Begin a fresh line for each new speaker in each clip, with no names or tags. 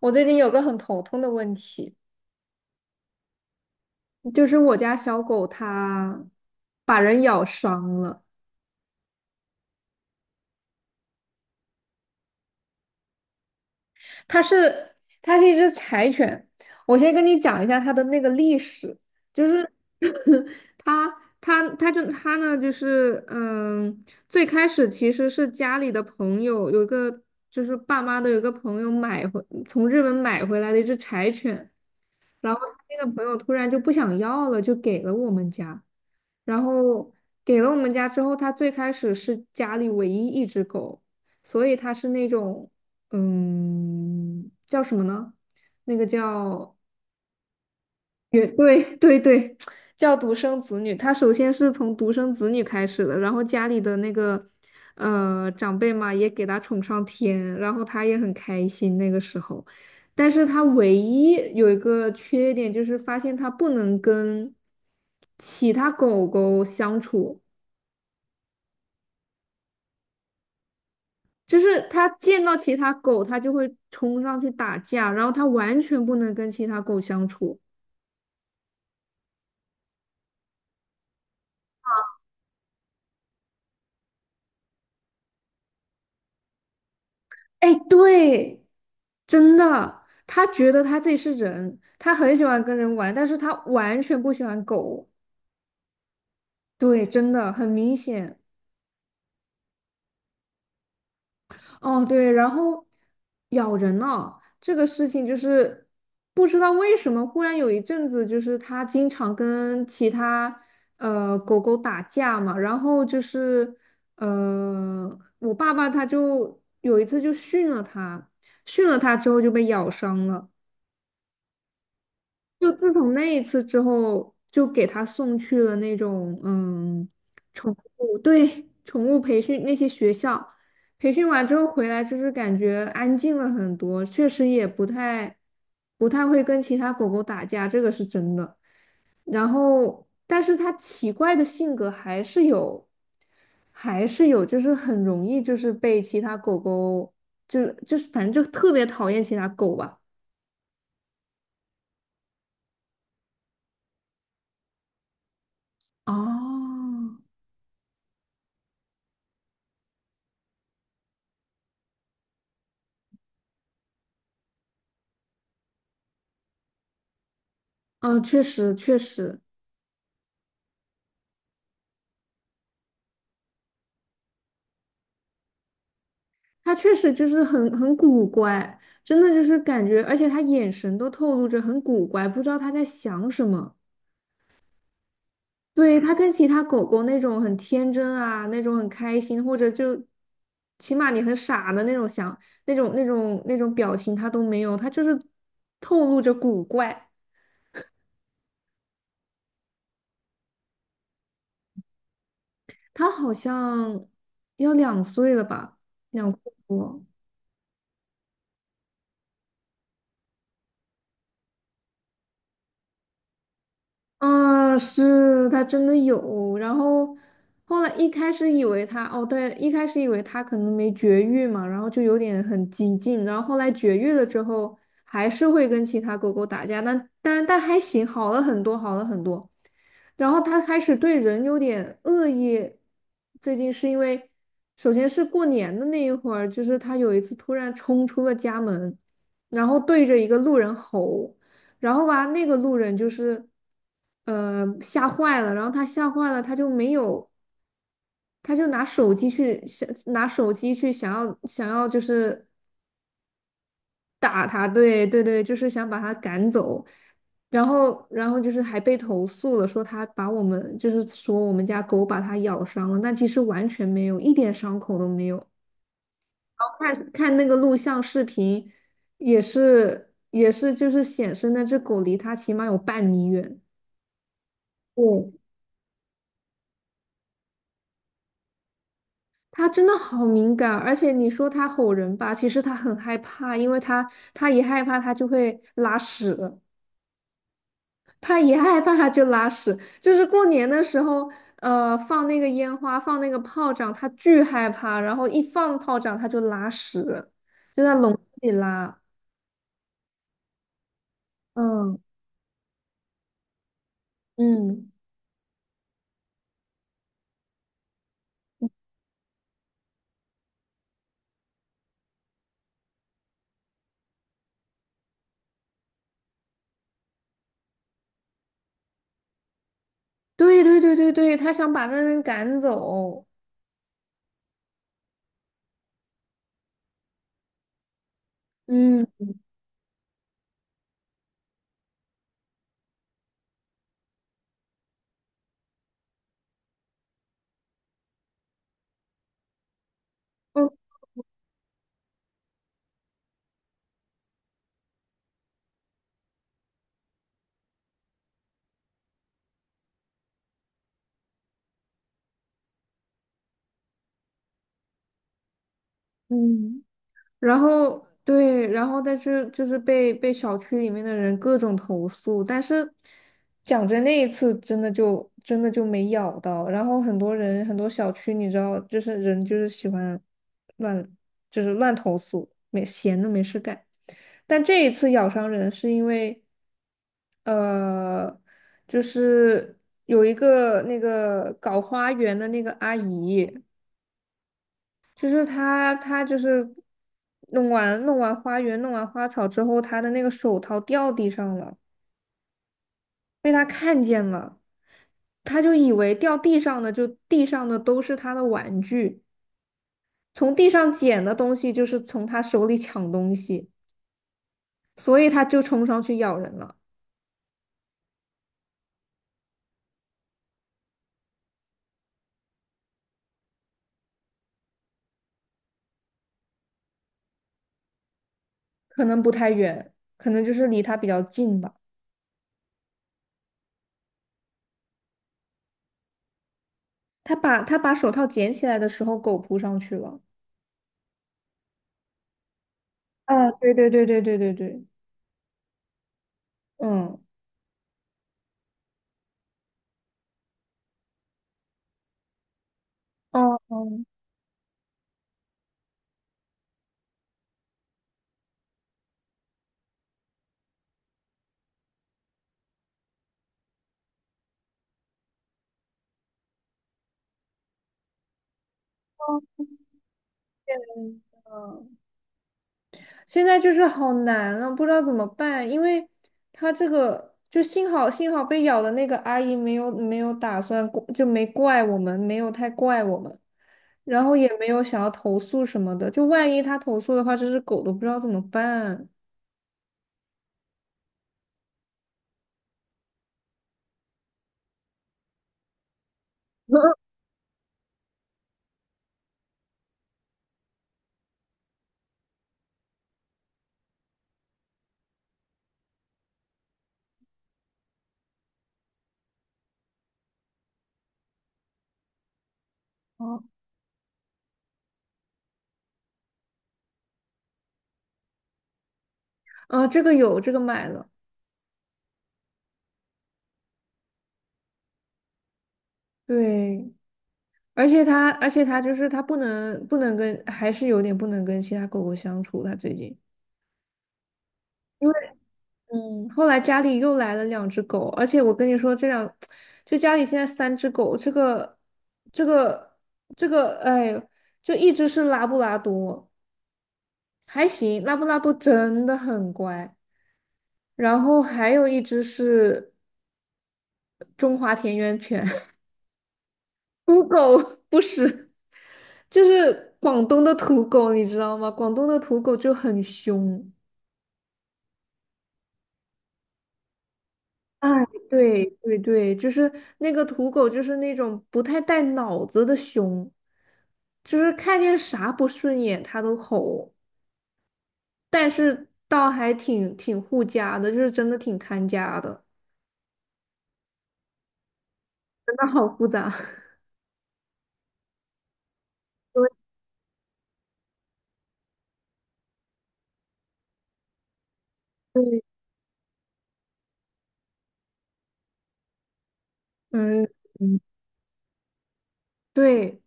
我最近有个很头痛的问题，就是我家小狗它把人咬伤了。它是它是一只柴犬，我先跟你讲一下它的那个历史，就是 它它呢最开始其实是家里的朋友有一个，就是爸妈的有一个朋友买回，从日本买回来的一只柴犬，然后他那个朋友突然就不想要了，就给了我们家。然后给了我们家之后，他最开始是家里唯一一只狗，所以他是那种，叫什么呢？那个叫，也对，叫独生子女，他首先是从独生子女开始的，然后家里的那个长辈嘛，也给他宠上天，然后他也很开心那个时候，但是他唯一有一个缺点就是发现他不能跟其他狗狗相处，就是他见到其他狗，他就会冲上去打架，然后他完全不能跟其他狗相处。哎，对，真的，他觉得他自己是人，他很喜欢跟人玩，但是他完全不喜欢狗。对，真的很明显。哦，对，然后咬人了，这个事情就是不知道为什么，忽然有一阵子就是他经常跟其他狗狗打架嘛，然后就是我爸爸他就有一次就训了他，训了他之后就被咬伤了。就自从那一次之后，就给他送去了那种，嗯，宠物，对，宠物培训那些学校，培训完之后回来，就是感觉安静了很多，确实也不太会跟其他狗狗打架，这个是真的。然后，但是他奇怪的性格还是有，还是有，就是很容易就是被其他狗狗，就是反正就特别讨厌其他狗吧。哦，哦，确实。他确实就是很古怪，真的就是感觉，而且他眼神都透露着很古怪，不知道他在想什么。对，它跟其他狗狗那种很天真啊，那种很开心，或者就起码你很傻的那种想，那种表情，它都没有，它就是透露着古怪。它好像要两岁了吧，两岁多。啊，是它真的有，然后后来一开始以为它，哦，对，一开始以为它可能没绝育嘛，然后就有点很激进，然后后来绝育了之后，还是会跟其他狗狗打架，但还行，好了很多，好了很多。然后它开始对人有点恶意，最近是因为，首先是过年的那一会儿，就是它有一次突然冲出了家门，然后对着一个路人吼，然后吧，那个路人就是，吓坏了，然后他吓坏了，他就没有，他就拿手机去想，拿手机去想要就是打他，对，就是想把他赶走，然后就是还被投诉了，说他把我们，就是说我们家狗把他咬伤了，但其实完全没有，一点伤口都没有。看看那个录像视频，也是就是显示那只狗离他起码有半米远。对，他真的好敏感，而且你说他吼人吧，其实他很害怕，因为他一害怕他就会拉屎，他一害怕他就拉屎。就是过年的时候，呃，放那个烟花，放那个炮仗，他巨害怕，然后一放炮仗他就拉屎，就在笼子里拉。嗯嗯，对，他想把那人赶走。嗯。嗯嗯，然后对，然后但是就是被小区里面的人各种投诉，但是讲真，那一次真的就没咬到。然后很多人很多小区，你知道，就是人就是喜欢乱，乱投诉，没闲的没事干。但这一次咬伤人是因为，呃，就是有一个那个搞花园的那个阿姨。就是他就是弄完花草之后，他的那个手套掉地上了，被他看见了，他就以为掉地上的，地上的都是他的玩具，从地上捡的东西就是从他手里抢东西，所以他就冲上去咬人了，可能不太远，可能就是离他比较近吧。他把手套捡起来的时候，狗扑上去了。啊，对，嗯，哦哦，嗯。现在就是好难啊，不知道怎么办，因为他这个就，幸好被咬的那个阿姨没有打算过，就没怪我们，没有太怪我们，然后也没有想要投诉什么的，就万一他投诉的话，这只狗都不知道怎么办。哦，啊，这个有，这个买了，对，而且它就是它不能跟，还是有点不能跟其他狗狗相处，它最近。因为。嗯，后来家里又来了两只狗，而且我跟你说，这两，就家里现在三只狗，这个，哎呦，就一只是拉布拉多，还行，拉布拉多真的很乖，然后还有一只是中华田园犬，土狗不是，就是广东的土狗，你知道吗？广东的土狗就很凶。哎，对，就是那个土狗，就是那种不太带脑子的熊，就是看见啥不顺眼它都吼，但是倒还挺护家的，就是真的挺看家的，真的好复杂。对对，嗯嗯，对，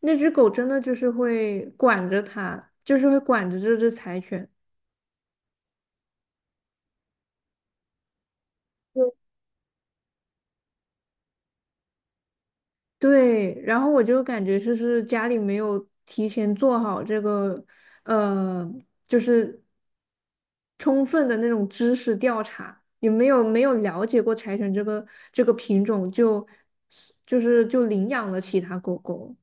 那只狗真的就是会管着它，就是会管着这只柴犬。对，然后我就感觉就是家里没有提前做好这个，呃，就是充分的那种知识调查，也没有了解过柴犬这个，品种就，就是就领养了其他狗狗。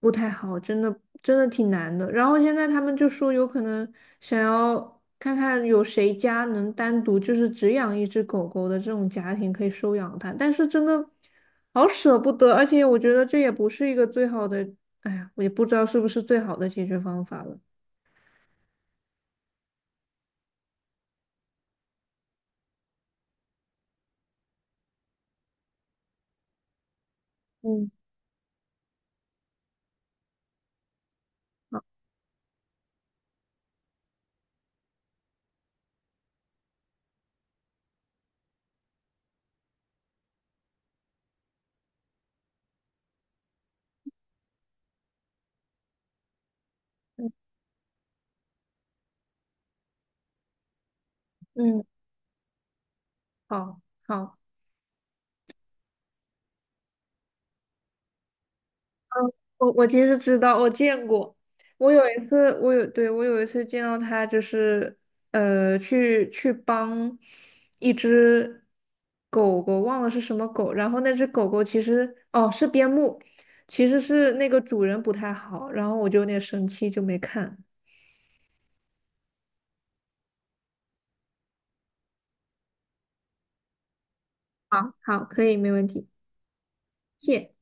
不太好，真的挺难的。然后现在他们就说有可能想要看看有谁家能单独就是只养一只狗狗的这种家庭可以收养它，但是真的好舍不得，而且我觉得这也不是一个最好的，哎呀，我也不知道是不是最好的解决方法了。嗯嗯，好，好。我其实知道，我见过。我有一次，我有，对，我有一次见到他，就是去帮一只狗狗，忘了是什么狗。然后那只狗狗其实，哦，是边牧，其实是那个主人不太好，然后我就有点生气，就没看。好，好，可以，没问题，谢。